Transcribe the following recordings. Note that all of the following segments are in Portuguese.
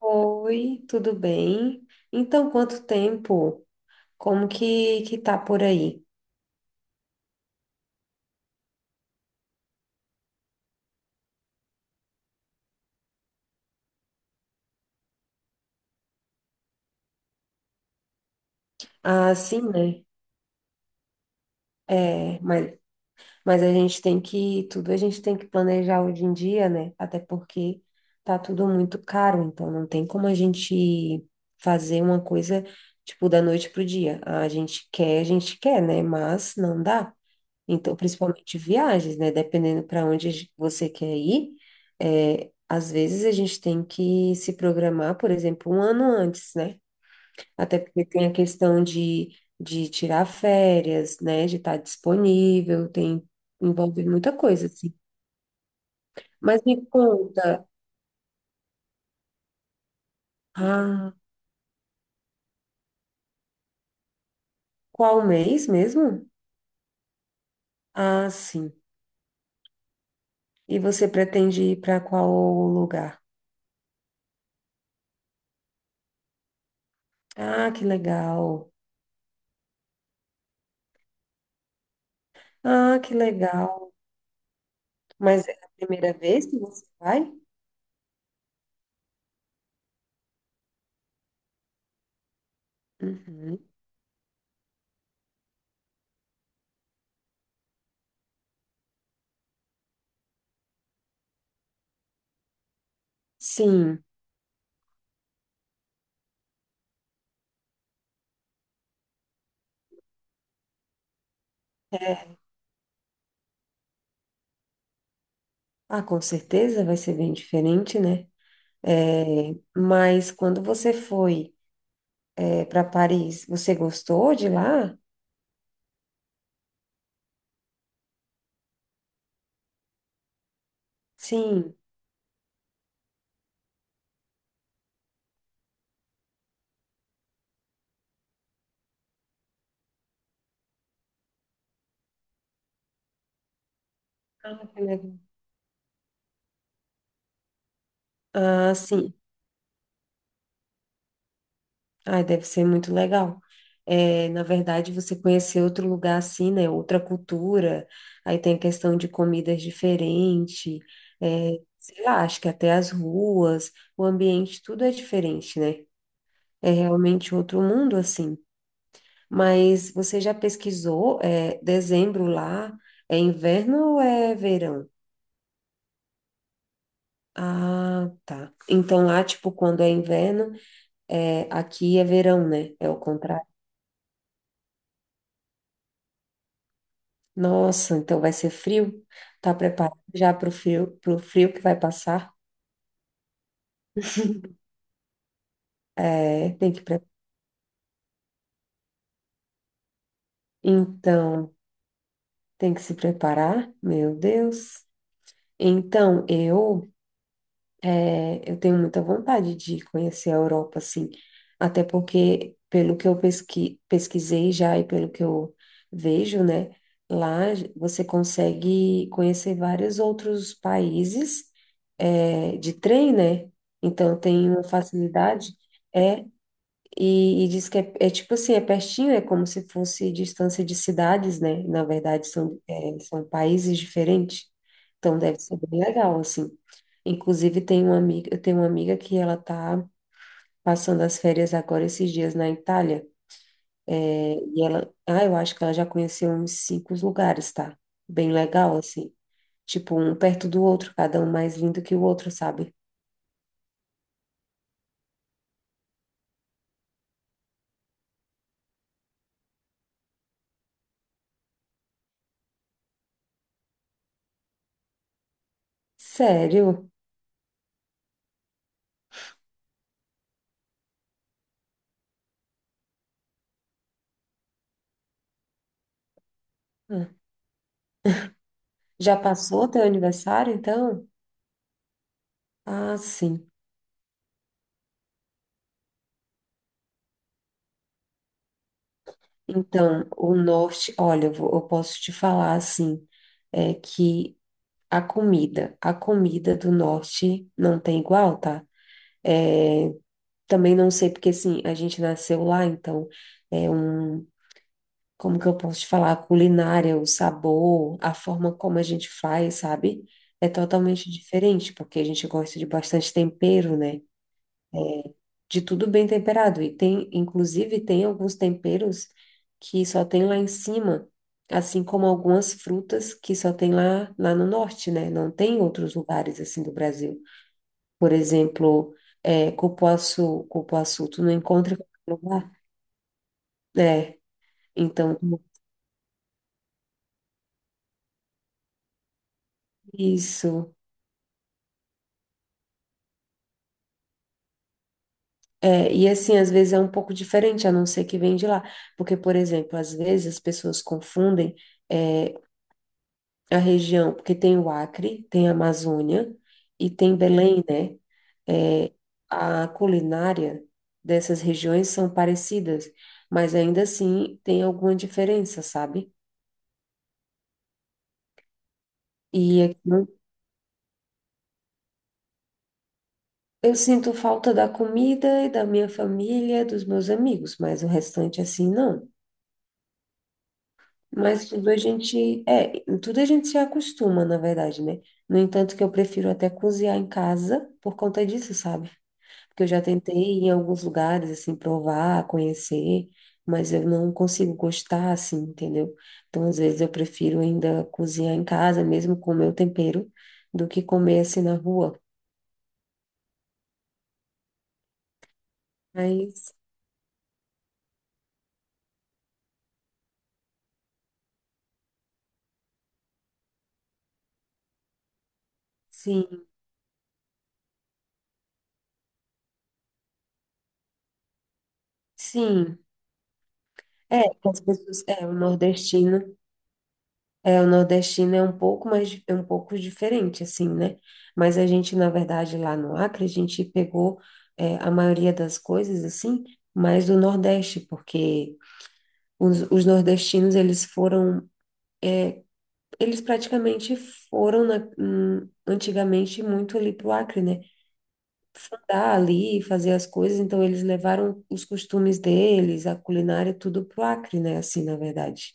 Oi, tudo bem? Então, quanto tempo? Como que tá por aí? Ah, sim, né? É, mas, mas a gente tem que, tudo a gente tem que planejar hoje em dia, né? Até porque tá tudo muito caro, então não tem como a gente fazer uma coisa, tipo, da noite pro dia. Ah, a gente quer, a gente quer, né? Mas não dá. Então, principalmente viagens, né? Dependendo para onde a você quer ir, às vezes a gente tem que se programar, por exemplo, um ano antes, né? Até porque tem a questão de tirar férias, né? De estar disponível, tem, envolve muita coisa, assim. Mas me conta, ah, qual mês mesmo? Ah, sim. E você pretende ir para qual lugar? Ah, que legal. Ah, que legal. Mas é a primeira vez que você vai? Uhum. Sim, ah, com certeza vai ser bem diferente, né? É, mas quando você foi, para Paris, você gostou de lá? Sim. Ah, que legal. Ah, sim. Ah, deve ser muito legal. É, na verdade, você conhecer outro lugar assim, né? Outra cultura. Aí tem a questão de comidas diferentes. É, sei lá, acho que até as ruas, o ambiente, tudo é diferente, né? É realmente outro mundo assim. Mas você já pesquisou? Dezembro lá é inverno ou é verão? Ah, tá. Então lá, tipo, quando é inverno, aqui é verão, né? É o contrário. Nossa, então vai ser frio? Tá preparado já para o frio, para frio que vai passar? É, tem que pre... Então, tem que se preparar? Meu Deus. Então, eu tenho muita vontade de conhecer a Europa, assim, até porque, pelo que eu pesquisei já e pelo que eu vejo, né, lá você consegue conhecer vários outros países, de trem, né? Então tem uma facilidade. é e diz que é tipo assim, é pertinho, é como se fosse distância de cidades, né? Na verdade, são países diferentes. Então deve ser bem legal, assim. Inclusive, eu tenho uma amiga que ela tá passando as férias agora esses dias na Itália. E ela, eu acho que ela já conheceu uns 5 lugares, tá? Bem legal, assim. Tipo, um perto do outro, cada um mais lindo que o outro, sabe? Sério? Hum. Já passou teu aniversário, então? Ah, sim. Então, o norte, olha, eu posso te falar assim, é que a comida do norte não tem igual, tá? É, também não sei porque assim, a gente nasceu lá, então é um, como que eu posso te falar, a culinária, o sabor, a forma como a gente faz, sabe? É totalmente diferente, porque a gente gosta de bastante tempero, né? De tudo bem temperado. E tem, inclusive, tem alguns temperos que só tem lá em cima, assim como algumas frutas que só tem lá, lá no norte, né? Não tem em outros lugares assim do Brasil. Por exemplo, cupuaçu, cupuaçu, tu não encontra em qualquer lugar. É, então, isso. É, e assim, às vezes é um pouco diferente, a não ser que vem de lá. Porque, por exemplo, às vezes as pessoas confundem é, a região, porque tem o Acre, tem a Amazônia e tem Belém, né? É, a culinária dessas regiões são parecidas, mas ainda assim tem alguma diferença, sabe? E aqui eu sinto falta da comida e da minha família, dos meus amigos, mas o restante assim não. Mas tudo a gente, tudo a gente se acostuma, na verdade, né? No entanto, que eu prefiro até cozinhar em casa por conta disso, sabe? Porque eu já tentei ir em alguns lugares, assim, provar, conhecer, mas eu não consigo gostar, assim, entendeu? Então, às vezes, eu prefiro ainda cozinhar em casa, mesmo com o meu tempero, do que comer, assim, na rua. Mas, sim, sim. Que as pessoas, o nordestino é um pouco mais, é um pouco diferente, assim, né? Mas a gente, na verdade, lá no Acre, a gente pegou, a maioria das coisas, assim, mais do Nordeste, porque... os nordestinos, eles foram, eles praticamente foram antigamente muito ali para o Acre, né? Fundar ali, fazer as coisas, então eles levaram os costumes deles, a culinária, tudo para o Acre, né? Assim, na verdade.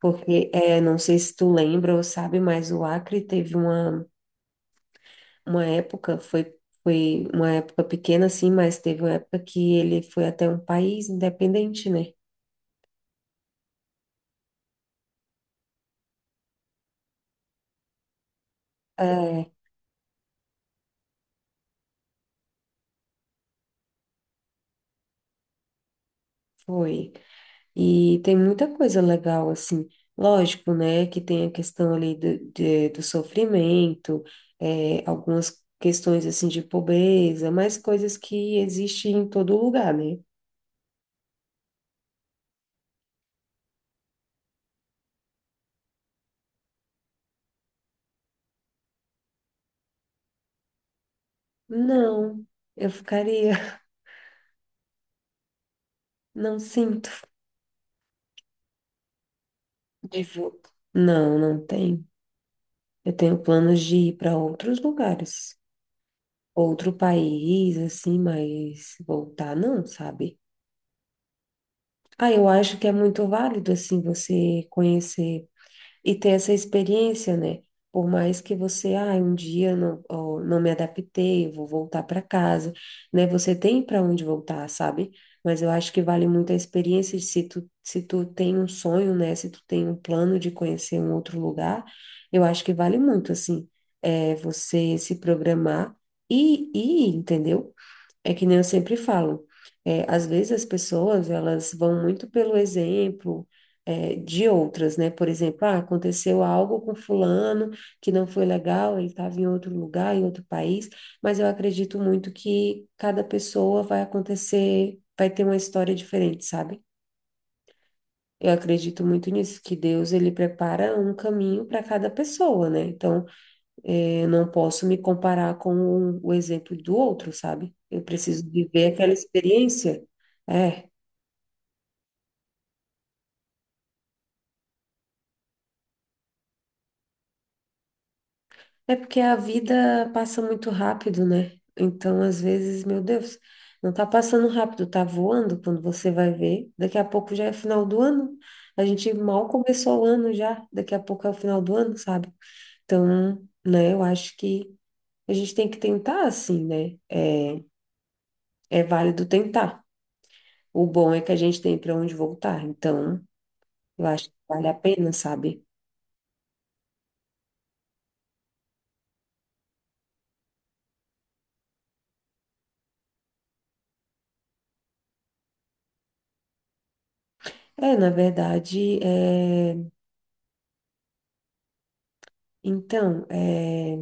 Porque, não sei se tu lembra ou sabe, mas o Acre teve uma época, foi uma época pequena, assim, mas teve uma época que ele foi até um país independente, né? É, foi. E tem muita coisa legal, assim. Lógico, né, que tem a questão ali do sofrimento, algumas questões, assim, de pobreza, mas coisas que existem em todo lugar, né? Não, eu ficaria, não sinto de vo- não, não tem. Eu tenho planos de ir para outros lugares, outro país, assim, mas voltar não, sabe? Ah, eu acho que é muito válido, assim, você conhecer e ter essa experiência, né? Por mais que você, ah, um dia não, ó, não me adaptei, eu vou voltar para casa, né? Você tem para onde voltar, sabe? Mas eu acho que vale muito a experiência de se tu, se tu tem um sonho, né? Se tu tem um plano de conhecer um outro lugar, eu acho que vale muito, assim, você se programar e ir, entendeu? É que nem eu sempre falo, às vezes as pessoas, elas vão muito pelo exemplo, de outras, né? Por exemplo, ah, aconteceu algo com fulano que não foi legal, ele estava em outro lugar, em outro país, mas eu acredito muito que cada pessoa vai acontecer, vai ter uma história diferente, sabe? Eu acredito muito nisso, que Deus, ele prepara um caminho para cada pessoa, né? Então, eu não posso me comparar com o exemplo do outro, sabe? Eu preciso viver aquela experiência. É, é porque a vida passa muito rápido, né? Então, às vezes, meu Deus, não tá passando rápido, tá voando quando você vai ver. Daqui a pouco já é final do ano. A gente mal começou o ano já, daqui a pouco é o final do ano, sabe? Então, né, eu acho que a gente tem que tentar assim, né? É válido tentar. O bom é que a gente tem para onde voltar. Então, eu acho que vale a pena, sabe? É, na verdade, é, então, é,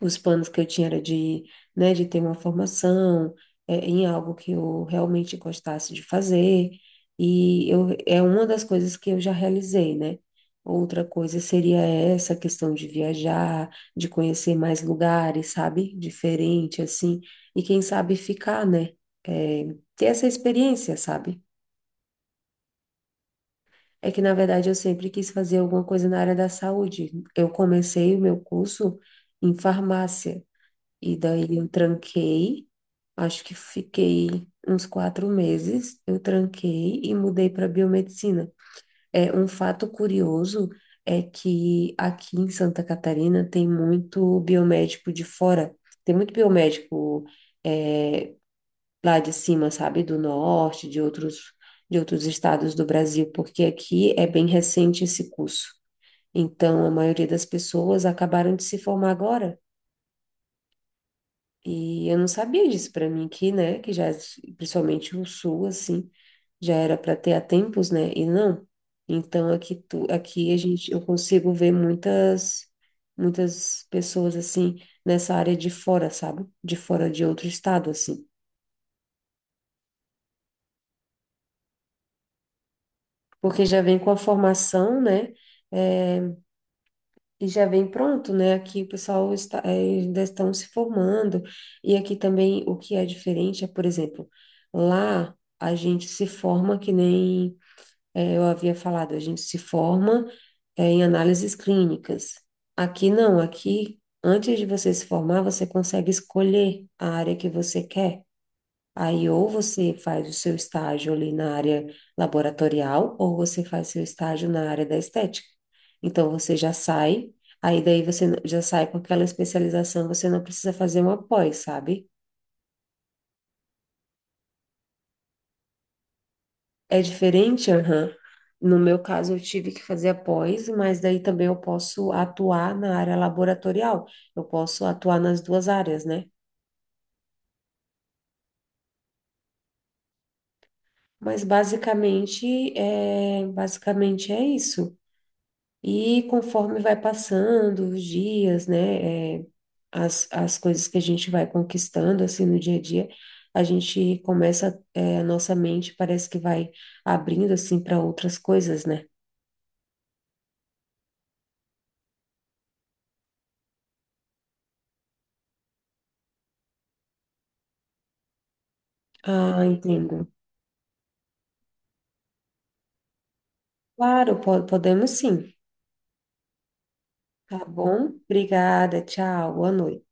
os planos que eu tinha era de, né, de ter uma formação, em algo que eu realmente gostasse de fazer, e eu, é uma das coisas que eu já realizei, né? Outra coisa seria essa questão de viajar, de conhecer mais lugares, sabe? Diferente, assim, e quem sabe ficar, né? É, ter essa experiência, sabe? É que, na verdade, eu sempre quis fazer alguma coisa na área da saúde. Eu comecei o meu curso em farmácia e daí eu tranquei, acho que fiquei uns 4 meses, eu tranquei e mudei para biomedicina. É, um fato curioso é que aqui em Santa Catarina tem muito biomédico de fora, tem muito biomédico é, lá de cima, sabe, do norte, de outros estados do Brasil, porque aqui é bem recente esse curso. Então, a maioria das pessoas acabaram de se formar agora. E eu não sabia disso para mim aqui, né? Que já, principalmente o sul, assim, já era para ter há tempos, né? E não. Então, aqui a gente, eu consigo ver muitas pessoas, assim, nessa área de fora, sabe? De fora de outro estado, assim. Porque já vem com a formação, né? É, e já vem pronto, né? Aqui o pessoal está, ainda estão se formando, e aqui também o que é diferente é, por exemplo, lá a gente se forma que nem eu havia falado, a gente se forma em análises clínicas. Aqui não, aqui antes de você se formar, você consegue escolher a área que você quer. Aí, ou você faz o seu estágio ali na área laboratorial, ou você faz seu estágio na área da estética. Então, você já sai, aí daí já sai com aquela especialização, você não precisa fazer uma pós, sabe? É diferente, aham. No meu caso, eu tive que fazer a pós, mas daí também eu posso atuar na área laboratorial. Eu posso atuar nas duas áreas, né? Mas basicamente é isso. E conforme vai passando os dias, né, as coisas que a gente vai conquistando, assim, no dia a dia, a gente começa, a nossa mente parece que vai abrindo, assim, para outras coisas, né? Ah, entendo. Claro, podemos sim. Tá bom? Obrigada, tchau, boa noite.